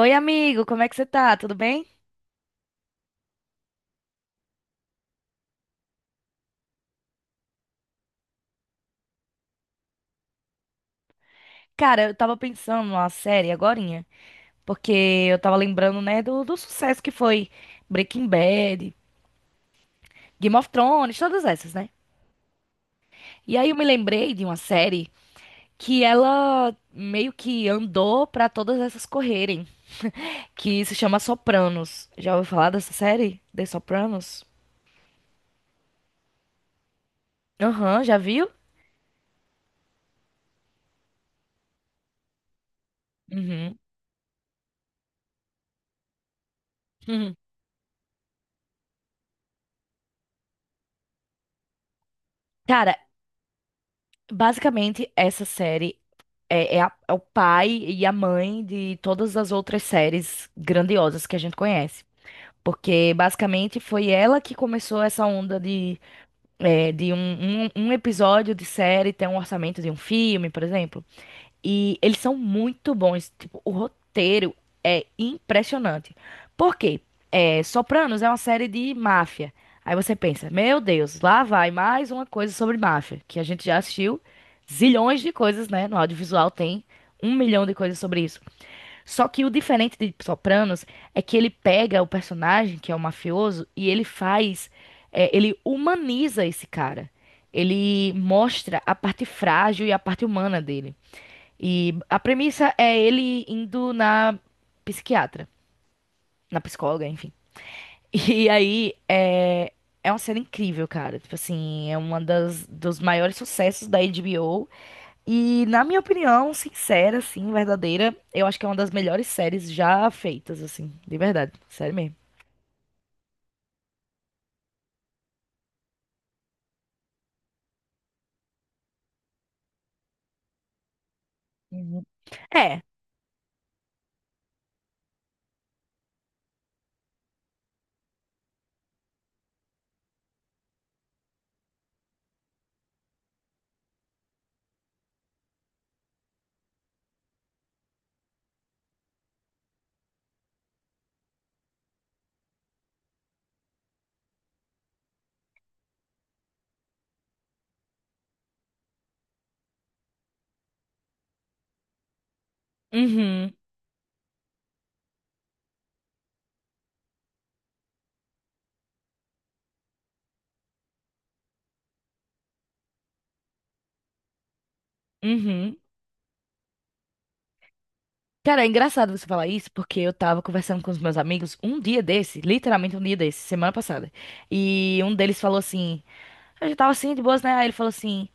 Oi, amigo, como é que você tá? Tudo bem? Cara, eu tava pensando numa série agorinha, porque eu tava lembrando, né, do sucesso que foi Breaking Bad, Game of Thrones, todas essas, né? E aí eu me lembrei de uma série que ela meio que andou pra todas essas correrem, que se chama Sopranos. Já ouviu falar dessa série? The Sopranos? Aham, já viu? Uhum. Uhum. Cara, basicamente essa série é o pai e a mãe de todas as outras séries grandiosas que a gente conhece. Porque basicamente foi ela que começou essa onda de, de um episódio de série ter um orçamento de um filme, por exemplo. E eles são muito bons. Tipo, o roteiro é impressionante. Por quê? É, Sopranos é uma série de máfia. Aí você pensa, meu Deus, lá vai mais uma coisa sobre máfia, que a gente já assistiu zilhões de coisas, né? No audiovisual tem um milhão de coisas sobre isso. Só que o diferente de Sopranos é que ele pega o personagem, que é o mafioso, e ele faz, ele humaniza esse cara. Ele mostra a parte frágil e a parte humana dele. E a premissa é ele indo na psiquiatra, na psicóloga, enfim. E aí é, é uma cena incrível, cara. Tipo assim, é uma das dos maiores sucessos da HBO. E na minha opinião, sincera, assim, verdadeira, eu acho que é uma das melhores séries já feitas, assim, de verdade, sério mesmo. Uhum. É. Uhum. Uhum. Cara, é engraçado você falar isso, porque eu tava conversando com os meus amigos um dia desse, literalmente um dia desse, semana passada. E um deles falou assim: eu já tava assim, de boas, né? Aí ele falou assim: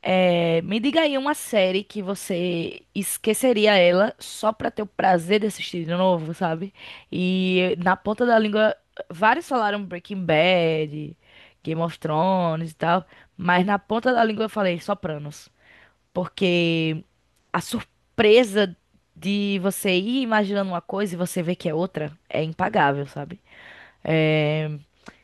me diga aí uma série que você esqueceria ela só pra ter o prazer de assistir de novo, sabe? E na ponta da língua, vários falaram Breaking Bad, Game of Thrones e tal, mas na ponta da língua eu falei Sopranos, porque a surpresa de você ir imaginando uma coisa e você ver que é outra é impagável, sabe? É,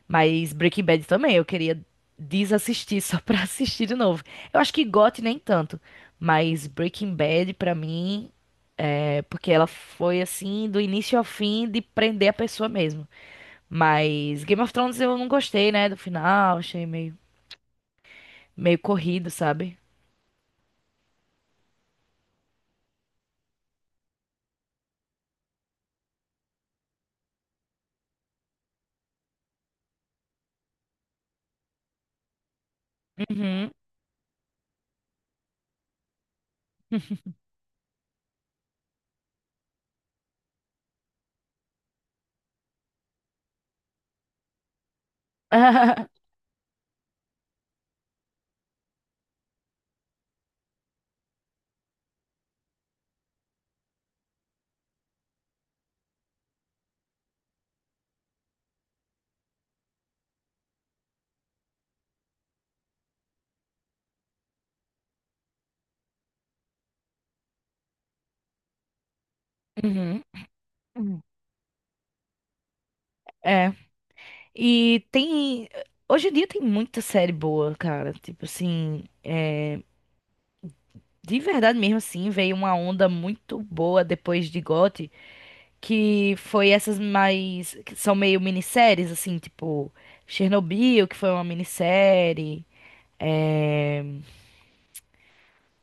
mas Breaking Bad também, eu queria desassistir só pra assistir de novo. Eu acho que GOT nem tanto, mas Breaking Bad pra mim é porque ela foi assim do início ao fim de prender a pessoa mesmo. Mas Game of Thrones eu não gostei, né, do final, achei meio corrido, sabe? Uhum. Uhum. Uhum. É. E tem hoje em dia tem muita série boa, cara, tipo assim, de verdade mesmo, assim, veio uma onda muito boa depois de GOT, que foi essas mais, que são meio minisséries, assim, tipo Chernobyl, que foi uma minissérie,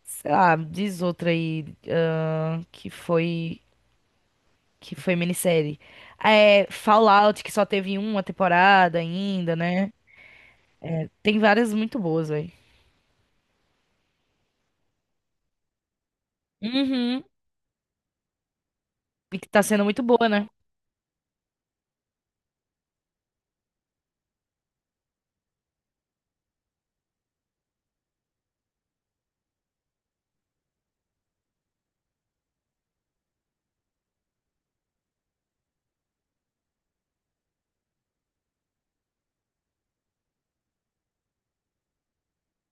sei lá, diz outra aí, ahn, que foi, que foi minissérie. É, Fallout, que só teve uma temporada ainda, né? Tem várias muito boas, velho. Uhum. E que tá sendo muito boa, né?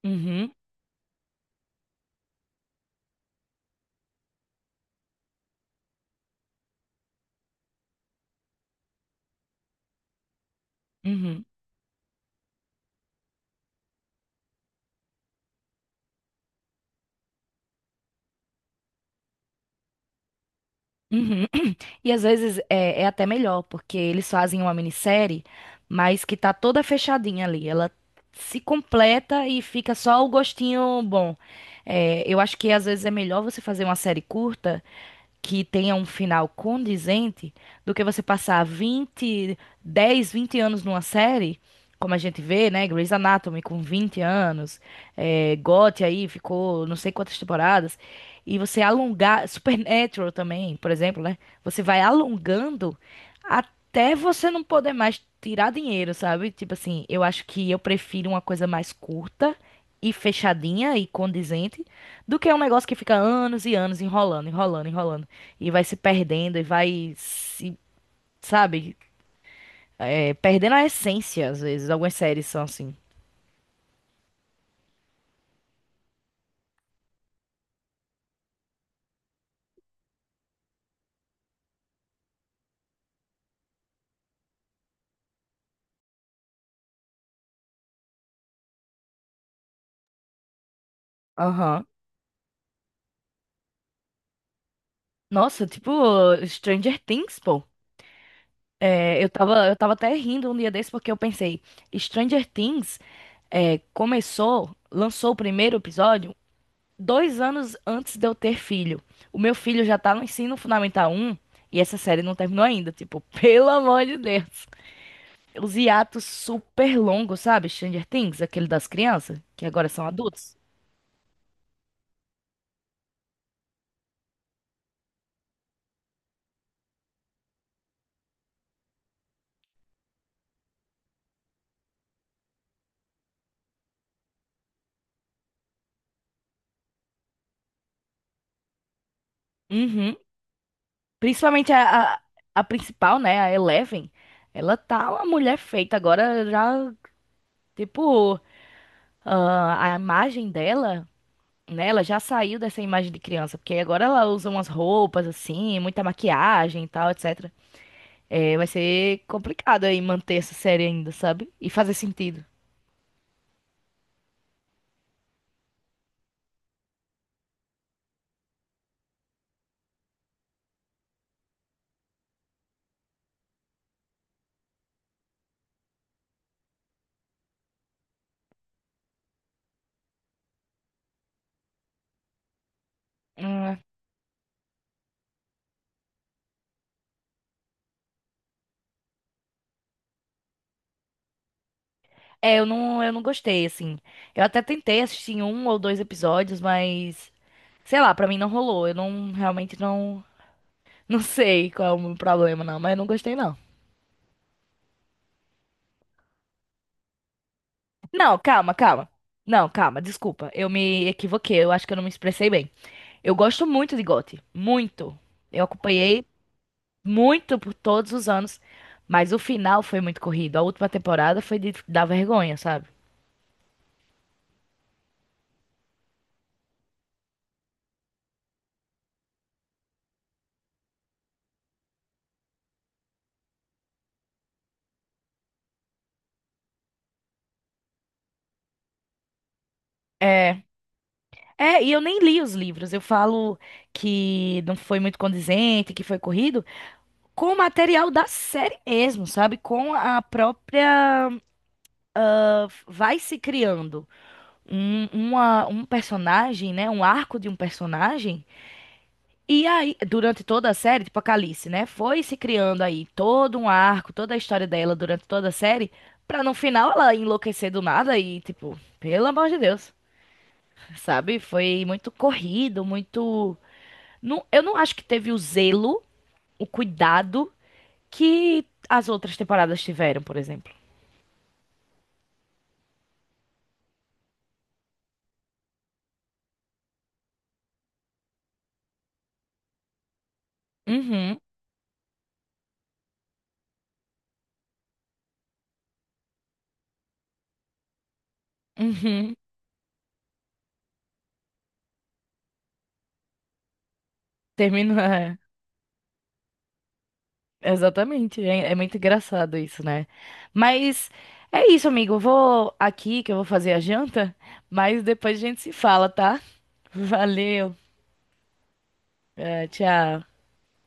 Uhum. Uhum. Uhum. E às vezes é até melhor, porque eles fazem uma minissérie, mas que tá toda fechadinha ali. Ela se completa e fica só o gostinho bom. É, eu acho que às vezes é melhor você fazer uma série curta que tenha um final condizente do que você passar 20, 10, 20 anos numa série, como a gente vê, né? Grey's Anatomy com 20 anos, GOT aí ficou não sei quantas temporadas, e você alongar, Supernatural também, por exemplo, né? Você vai alongando até você não poder mais tirar dinheiro, sabe? Tipo assim, eu acho que eu prefiro uma coisa mais curta e fechadinha e condizente do que um negócio que fica anos e anos enrolando, enrolando, enrolando e vai se perdendo e vai se, sabe, perdendo a essência às vezes. Algumas séries são assim. Aham. Nossa, tipo Stranger Things, pô. Eu tava até rindo um dia desse porque eu pensei, Stranger Things começou, lançou o primeiro episódio 2 anos antes de eu ter filho. O meu filho já tá no ensino fundamental 1 e essa série não terminou ainda. Tipo, pelo amor de Deus. Os hiatos super longos, sabe? Stranger Things, aquele das crianças, que agora são adultos. Uhum. Principalmente a principal, né? A Eleven. Ela tá uma mulher feita agora, já, tipo. Ah, a imagem dela, né? Ela já saiu dessa imagem de criança, porque agora ela usa umas roupas assim, muita maquiagem e tal, etc. É, vai ser complicado aí manter essa série ainda, sabe? E fazer sentido. Hum. Eu não gostei, assim. Eu até tentei assistir um ou dois episódios, mas sei lá, pra mim não rolou. Eu não realmente não, não sei qual é o meu problema, não, mas eu não gostei, não. Não, calma, calma. Não, calma, desculpa. Eu me equivoquei. Eu acho que eu não me expressei bem. Eu gosto muito de GOT, muito. Eu acompanhei muito por todos os anos, mas o final foi muito corrido. A última temporada foi de dar vergonha, sabe? É. É, e eu nem li os livros. Eu falo que não foi muito condizente, que foi corrido, com o material da série mesmo, sabe? Com a própria. Ah, vai se criando um personagem, né? Um arco de um personagem. E aí, durante toda a série, tipo a Calice, né? Foi se criando aí todo um arco, toda a história dela durante toda a série, pra no final ela enlouquecer do nada e, tipo, pelo amor de Deus, sabe? Foi muito corrido, muito. Não, eu não acho que teve o zelo, o cuidado que as outras temporadas tiveram, por exemplo. Uhum, uhum. Termina. É. Exatamente, é muito engraçado isso, né? Mas é isso, amigo. Eu vou aqui que eu vou fazer a janta, mas depois a gente se fala, tá? Valeu. É, tchau.